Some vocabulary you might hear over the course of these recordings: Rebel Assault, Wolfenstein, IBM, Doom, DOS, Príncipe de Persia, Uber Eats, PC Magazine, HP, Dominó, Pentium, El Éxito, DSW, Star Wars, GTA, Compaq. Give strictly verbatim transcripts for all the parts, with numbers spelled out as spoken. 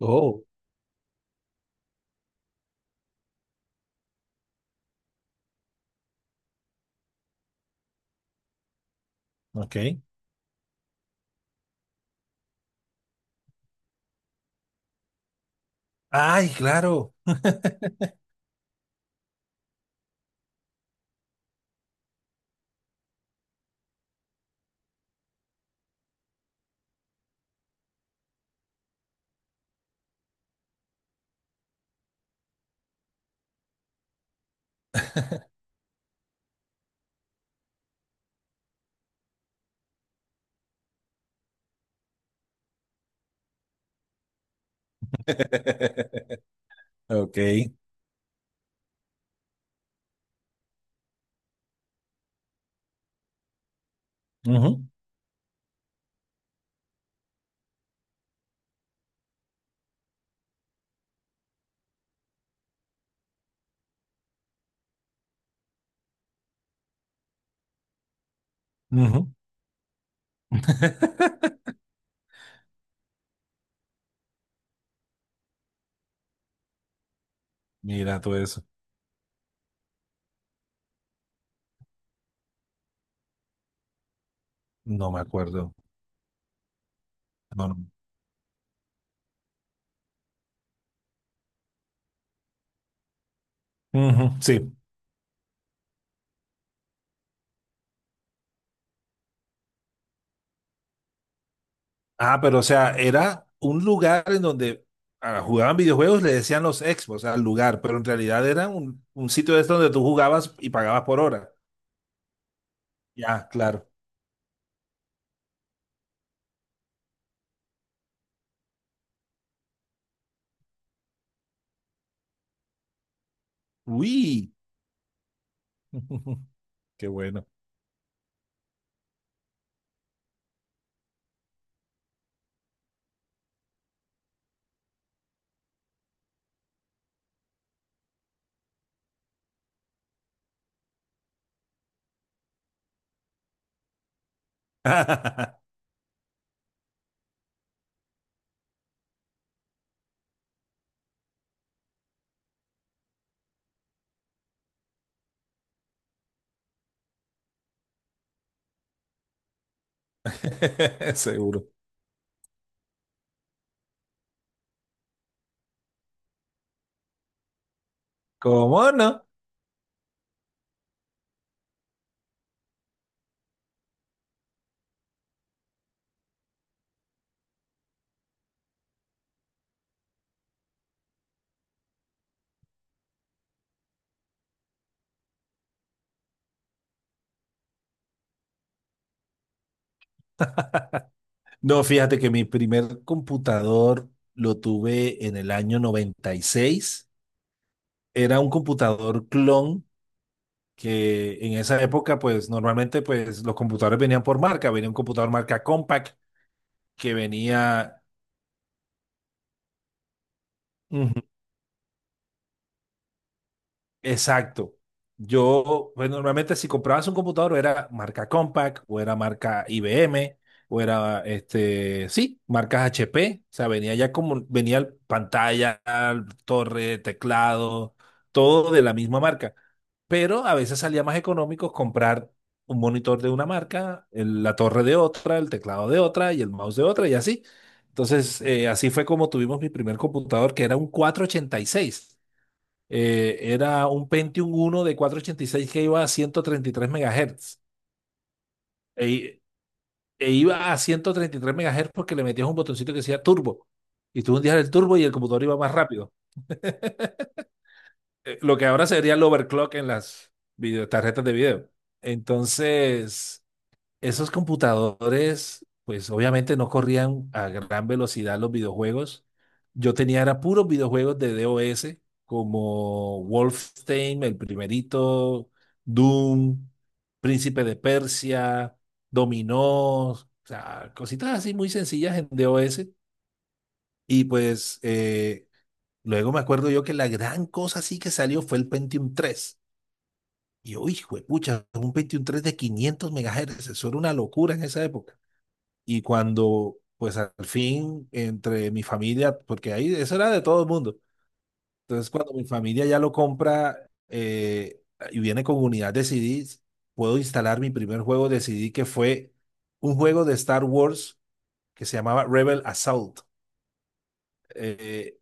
Oh, ok. Ay, claro. Ok. Ujú, ujú. Mira todo eso. No me acuerdo. No, no. Ujú, sí. Ah, pero o sea, era un lugar en donde ah, jugaban videojuegos. Le decían los expos al lugar, pero en realidad era un, un sitio de estos donde tú jugabas y pagabas por hora. Ya, claro. Uy. Qué bueno. Seguro. ¿Cómo no? No, fíjate que mi primer computador lo tuve en el año noventa y seis. Era un computador clon que en esa época, pues normalmente pues, los computadores venían por marca. Venía un computador marca Compaq que venía, ujú, exacto. Yo, pues normalmente si comprabas un computador era marca Compaq o era marca I B M o era, este, sí, marcas H P. O sea, venía ya como, venía el- pantalla, torre, teclado, todo de la misma marca. Pero a veces salía más económico comprar un monitor de una marca, el- la torre de otra, el teclado de otra y el mouse de otra, y así. Entonces, eh, así fue como tuvimos mi primer computador que era un cuatro ochenta y seis, eh, era un Pentium uno de cuatrocientos ochenta y seis que iba a ciento treinta y tres MHz. E, i- e iba a ciento treinta y tres megahertz porque le metías un botoncito que decía turbo. Y tú hundías el turbo y el computador iba más rápido. Eh, lo que ahora sería el overclock en las video- tarjetas de video. Entonces, esos computadores, pues obviamente no corrían a gran velocidad los videojuegos. Yo tenía era puros videojuegos de DOS, como Wolfenstein, el primerito, Doom, Príncipe de Persia, Dominó, o sea, cositas así muy sencillas en DOS. Y pues eh, luego me acuerdo yo que la gran cosa sí que salió fue el Pentium tres. Y yo, hijo de pucha, un Pentium tres de quinientos MHz, eso era una locura en esa época. Y cuando, pues al fin, entre mi familia, porque ahí eso era de todo el mundo. Entonces, cuando mi familia ya lo compra eh, y viene con unidad de C Des, puedo instalar mi primer juego de C D que fue un juego de Star Wars que se llamaba Rebel Assault. Eh,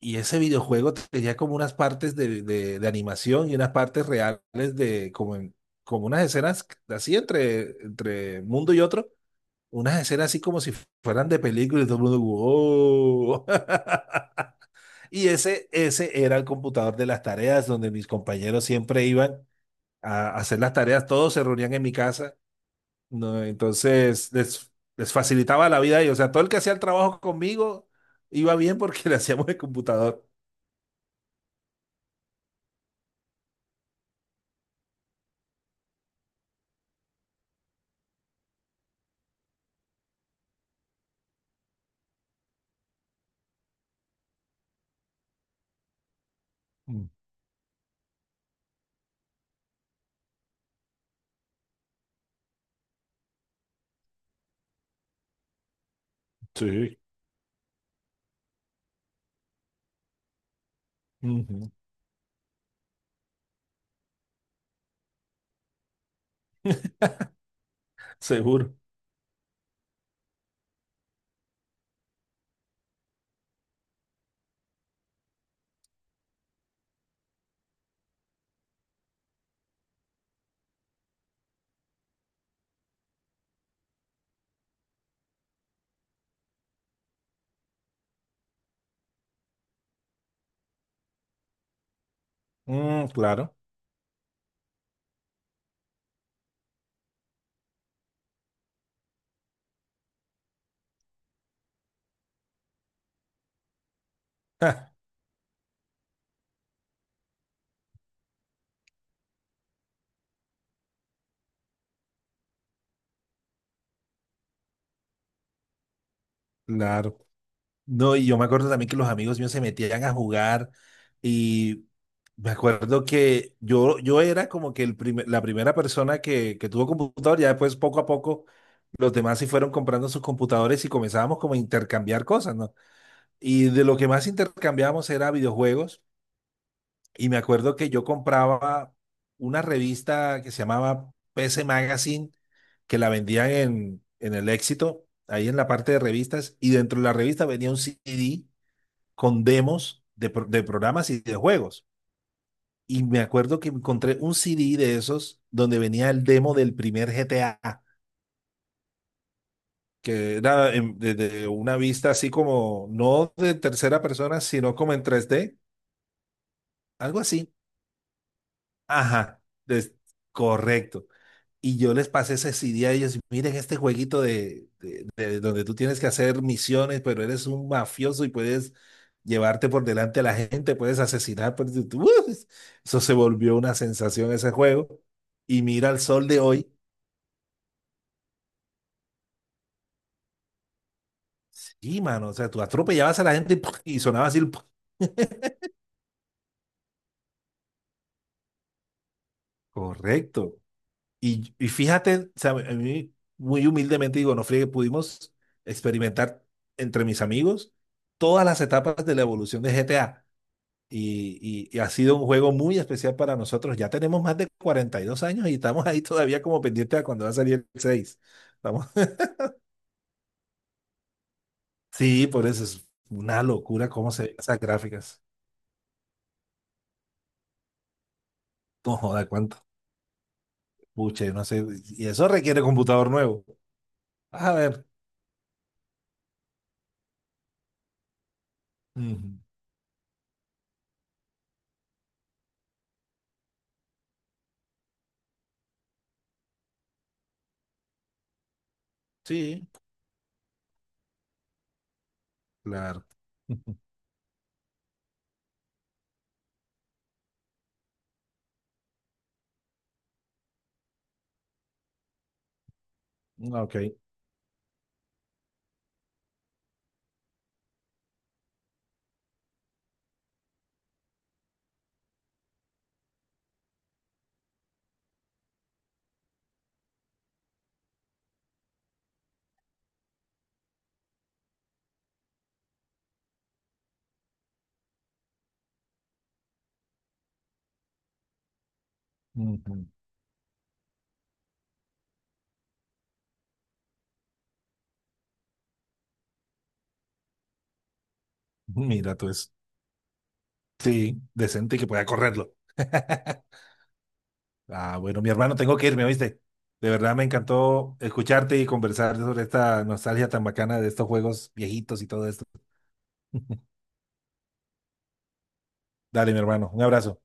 y ese videojuego tenía como unas partes de, de- de animación y unas partes reales de como, en- como unas escenas así entre, entre mundo y otro. Unas escenas así como si fueran de película, y todo el mundo, wow. Y ese, ese era el computador de las tareas donde mis compañeros siempre iban a hacer las tareas, todos se reunían en mi casa, ¿no? Entonces les, les facilitaba la vida y, o sea, todo el que hacía el trabajo conmigo iba bien porque le hacíamos el computador. Mm. Sí. Ujú. Seguro. Mm, claro. Claro. No, y yo me acuerdo también que los amigos míos se metían a jugar, y me acuerdo que yo, yo era como que el primer- la primera persona que, que tuvo computador. Ya después, poco a poco, los demás sí fueron comprando sus computadores y comenzábamos como a intercambiar cosas, ¿no? Y de lo que más intercambiábamos era videojuegos, y me acuerdo que yo compraba una revista que se llamaba P C Magazine, que la vendían en, en, El Éxito, ahí en la parte de revistas, y dentro de la revista venía un C D con demos de, pro- de programas y de juegos. Y me acuerdo que encontré un C D de esos donde venía el demo del primer G T A, que era en- desde una vista así como, no de tercera persona, sino como en tres d, algo así. Ajá, des- correcto. Y yo les pasé ese C D a ellos: miren este jueguito de, de- de donde tú tienes que hacer misiones, pero eres un mafioso y puedes llevarte por delante a la gente, puedes asesinar. Por... tu- tu- ¡Uf! Eso se volvió una sensación ese juego. Y mira el sol de hoy. Sí, mano, o sea, tú atropellabas a la gente y ¡puf!, y sonaba así el... ¡puf! Correcto. Y, y fíjate, o sea, a mí, muy humildemente digo, no friegue, pudimos experimentar entre mis amigos todas las etapas de la evolución de G T A. Y, y- y ha sido un juego muy especial para nosotros. Ya tenemos más de cuarenta y dos años y estamos ahí todavía como pendientes a cuando va a salir el seis. Estamos- Sí, por eso es una locura cómo se ven esas gráficas. No joda, cuánto. Pucha, no sé. Y eso requiere computador nuevo. A ver. Ujú. Sí, claro. Ujú. Ok. Ujú. Mira tú eso. Sí, decente y que pueda correrlo. Ah, bueno, mi hermano, tengo que irme, ¿oíste? De verdad me encantó escucharte y conversar sobre esta nostalgia tan bacana de estos juegos viejitos y todo esto. Dale, mi hermano, un abrazo.